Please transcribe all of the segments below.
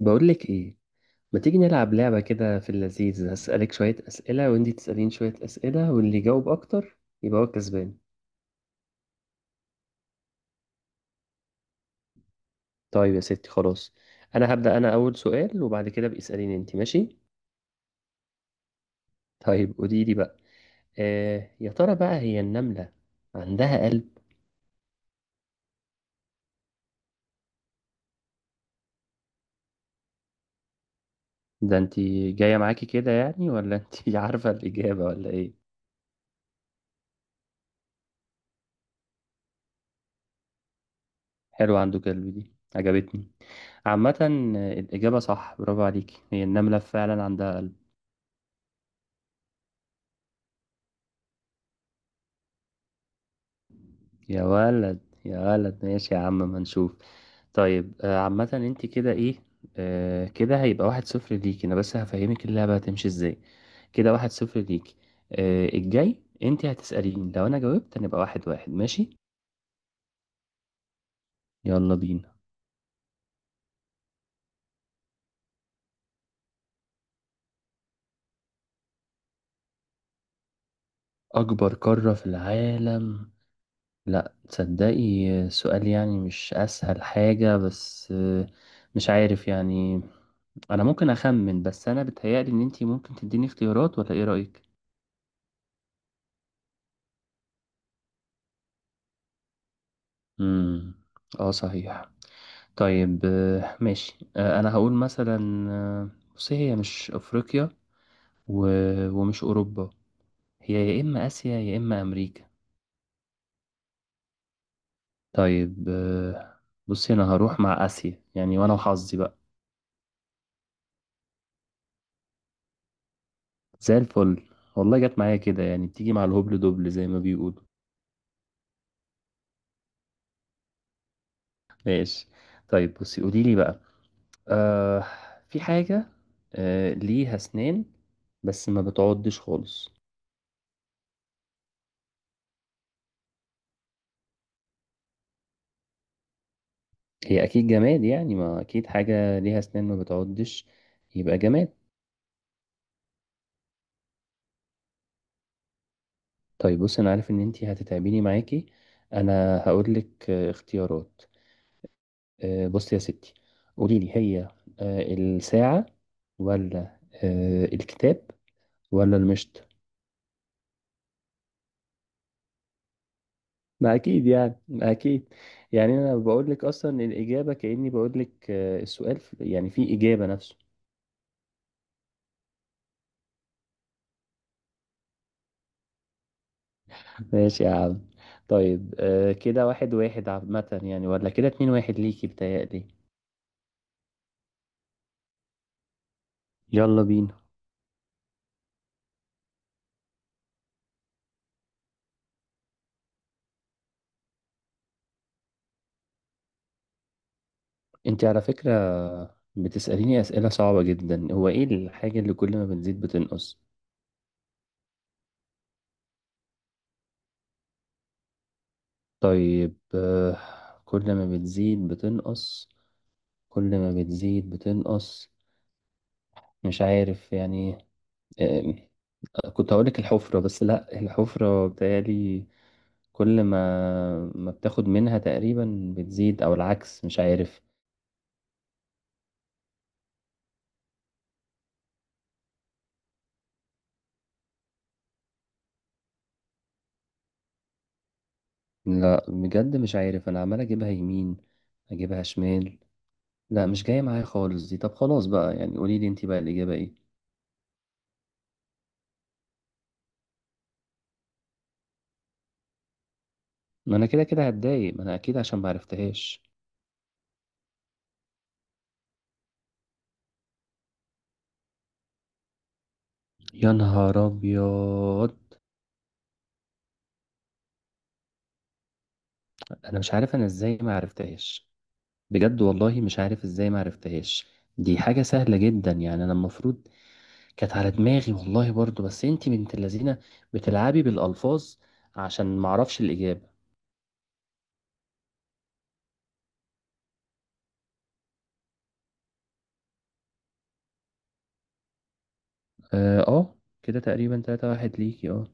بقول لك ايه. ما تيجي نلعب لعبة كده في اللذيذ؟ هسألك شوية أسئلة وانتي تسألين شوية أسئلة، واللي يجاوب أكتر يبقى هو كسبان. طيب يا ستي خلاص. أنا هبدأ، أنا أول سؤال، وبعد كده بقى اسأليني انتي، ماشي؟ طيب قولي لي بقى. يا ترى بقى هي النملة عندها قلب؟ ده انتي جاية معاكي كده يعني، ولا انتي عارفة الإجابة ولا ايه؟ حلو، عنده قلب، دي عجبتني. عامة، الإجابة صح، برافو عليكي، هي النملة فعلا عندها قلب. يا ولد، يا ولد ماشي يا عم، ما نشوف. طيب، عامة انت كده ايه. كده هيبقى 1-0 ليكي، انا بس هفهمك اللعبة هتمشي ازاي. كده 1-0 ليكي. الجاي انت هتسأليني، لو انا جاوبت هنبقى 1-1، ماشي؟ يلا بينا. اكبر قارة في العالم؟ لا تصدقي، سؤال يعني مش اسهل حاجة، بس مش عارف يعني. انا ممكن اخمن، بس انا بتهيألي ان انت ممكن تديني اختيارات، ولا ايه رأيك؟ امم. اه صحيح. طيب، ماشي. انا هقول مثلا آه، بصي، هي مش افريقيا و... ومش اوروبا. هي يا اما اسيا يا اما امريكا. طيب، بصي انا هروح مع اسيا يعني، وانا وحظي بقى. زي الفل. والله جت معايا كده يعني، بتيجي مع الهبل دبل زي ما بيقولوا. ماشي. طيب بصي، قولي لي بقى. آه في حاجة ليها اسنان بس ما بتعضش خالص. هي اكيد جماد يعني، ما اكيد حاجه ليها اسنان ما بتعضش يبقى جماد. طيب بص، انا عارف ان انتي هتتعبيني معاكي، انا هقول لك اختيارات. بصي يا ستي، قولي لي، هي الساعه، ولا الكتاب، ولا المشط؟ ما اكيد يعني، ما اكيد. يعني انا بقول لك اصلا الاجابه، كاني بقول لك، السؤال يعني في اجابه نفسه. ماشي يا عم. طيب، كده 1-1 عامه يعني، ولا كده 2-1 ليكي بتهيألي؟ يلا بينا. انت على فكرة بتسأليني أسئلة صعبة جدا، هو ايه الحاجة اللي كل ما بتزيد بتنقص؟ طيب كل ما بتزيد بتنقص، كل ما بتزيد بتنقص، مش عارف يعني. آه، كنت هقولك الحفرة، بس لا، الحفرة بتهيألي كل ما بتاخد منها تقريبا بتزيد، او العكس، مش عارف. لا بجد مش عارف، انا عمال اجيبها يمين اجيبها شمال، لا مش جاية معايا خالص دي، طب خلاص بقى يعني، قولي لي انت بقى الإجابة ايه. ما انا كده كده هتضايق، ما انا اكيد عشان ما عرفتهاش. يا نهار ابيض. انا مش عارف انا ازاي ما عرفتهاش، بجد والله مش عارف ازاي ما عرفتهاش، دي حاجة سهلة جدا يعني، انا المفروض كانت على دماغي والله برضو، بس انت بنت اللذينة بتلعبي بالألفاظ عشان ما اعرفش الإجابة. اه. كده تقريبا 3-1 ليكي اه.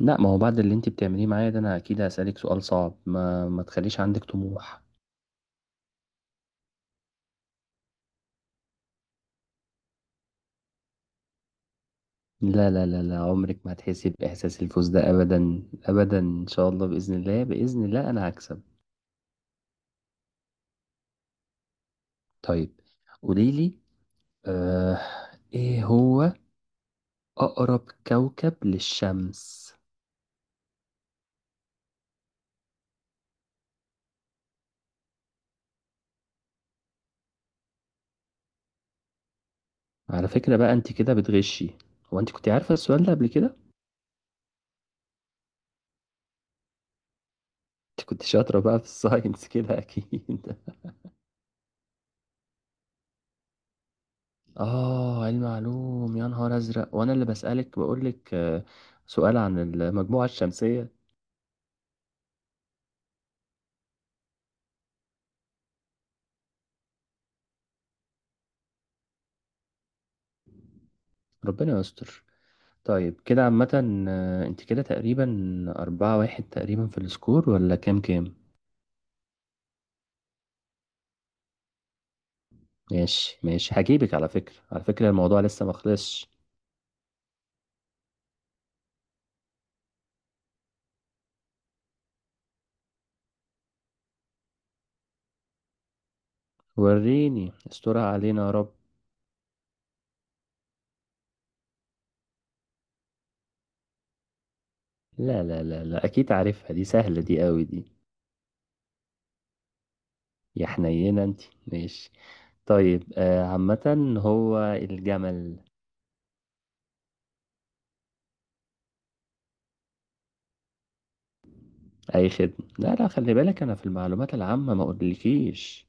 لا، ما هو بعد اللي انت بتعمليه معايا ده، انا اكيد هسألك سؤال صعب، ما تخليش عندك طموح. لا لا لا لا، عمرك ما هتحسي بإحساس الفوز ده، أبدا أبدا، إن شاء الله بإذن الله، بإذن الله أنا هكسب. طيب قوليلي، آه إيه هو أقرب كوكب للشمس؟ على فكرة بقى، أنت كده بتغشي، هو أنت كنت عارفة السؤال ده قبل كده؟ أنت كنت شاطرة بقى في الساينس كده أكيد. علم علوم! يا نهار أزرق، وأنا اللي بسألك بقولك سؤال عن المجموعة الشمسية. ربنا يستر. طيب كده عامة، انت كده تقريبا 4-1 تقريبا في السكور، ولا كام كام؟ ماشي ماشي، هجيبك على فكرة، على فكرة الموضوع لسه مخلصش. وريني، استرها علينا يا رب. لا لا لا لا، أكيد عارفها، دي سهلة دي، قوي دي. يا حنينة انت. ماشي. طيب عامة هو الجمل. أي خدمة، لا لا خلي بالك، أنا في المعلومات العامة ما أقولكيش.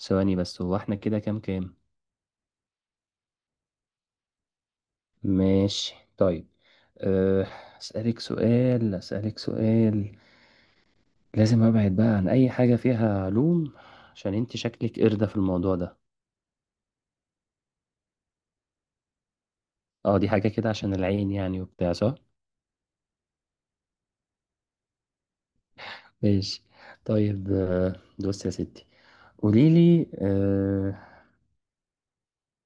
ثواني بس، هو احنا كده كام كام؟ ماشي طيب. أه، أسألك سؤال، لازم أبعد بقى عن أي حاجة فيها علوم، عشان أنت شكلك قردة في الموضوع ده. أه، دي حاجة كده عشان العين يعني وبتاع، صح؟ ماشي طيب. بصي يا ستي، قوليلي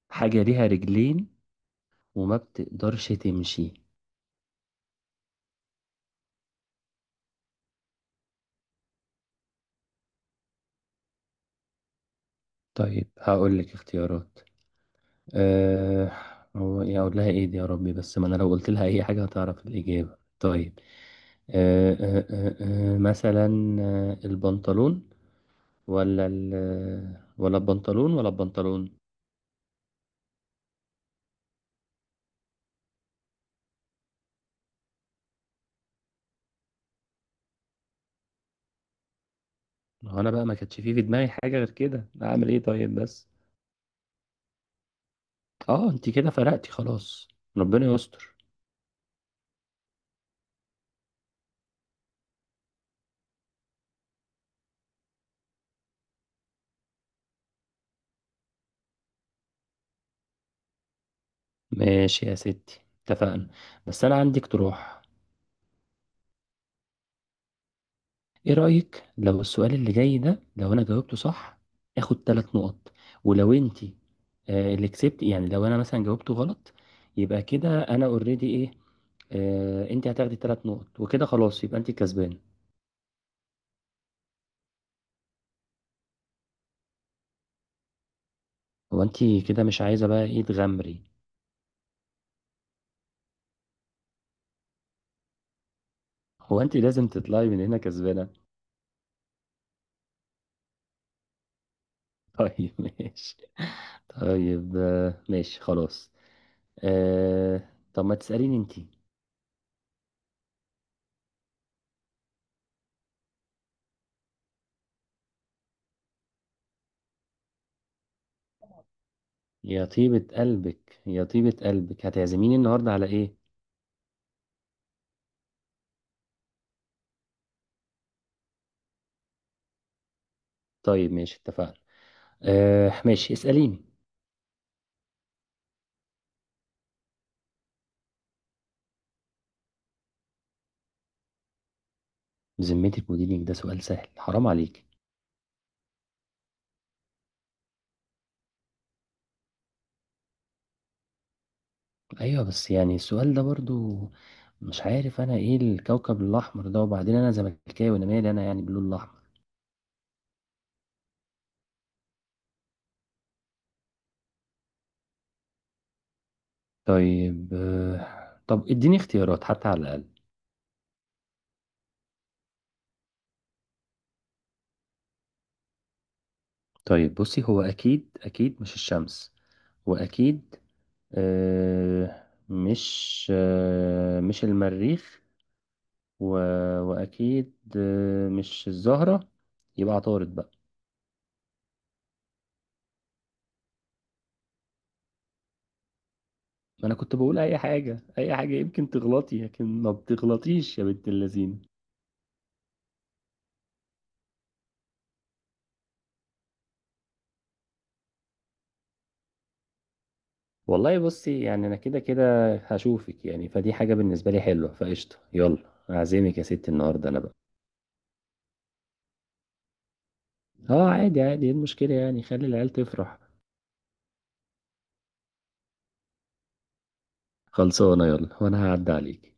حاجة ليها رجلين وما بتقدرش تمشي. طيب هقولك اختيارات. أه هو إيه اقول لها ايه دي يا ربي، بس ما انا لو قلت لها اي حاجه هتعرف الاجابه. طيب أه أه أه مثلا، البنطلون، ولا ال آه، ولا البنطلون، ولا البنطلون. ما هو انا بقى ما كانتش فيه في دماغي حاجه غير كده، اعمل ايه طيب بس. اه انت كده فرقتي خلاص، ربنا يستر. ماشي يا ستي اتفقنا. بس انا عندي اقتراح. ايه رأيك، لو السؤال اللي جاي ده لو انا جاوبته صح، اخد 3 نقط. ولو انتي اللي كسبت، يعني لو انا مثلا جاوبته غلط، يبقى كده انا اوريدي ايه، انتي هتاخدي 3 نقط وكده خلاص يبقى انتي كسبانة. هو انتي كده مش عايزة بقى، ايه، تغامري؟ هو انتي لازم تطلعي من هنا كسبانة. طيب ماشي. طيب ماشي خلاص. آه طب ما تسأليني انتي. يا طيبة قلبك، يا طيبة قلبك، هتعزميني النهاردة على ايه؟ طيب ماشي اتفقنا. ماشي اسأليني. بذمتك، مديرك ده سؤال سهل؟ حرام عليك. ايوه بس يعني السؤال ده برضو، مش عارف انا ايه الكوكب الاحمر ده، وبعدين انا زملكاوي، انا مالي انا يعني باللون الاحمر. طب اديني اختيارات حتى على الاقل. طيب بصي، هو اكيد اكيد مش الشمس، واكيد مش المريخ، و... واكيد مش الزهرة، يبقى عطارد بقى. ما انا كنت بقول اي حاجه اي حاجه يمكن تغلطي، لكن ما بتغلطيش يا بنت اللذين. والله بصي، يعني انا كده كده هشوفك يعني، فدي حاجه بالنسبه لي حلوه، فقشطه يلا اعزمك يا ستي النهارده انا بقى. اه، عادي عادي، ايه المشكله يعني، خلي العيال تفرح. خلصانه يلا، وانا هعدي عليك.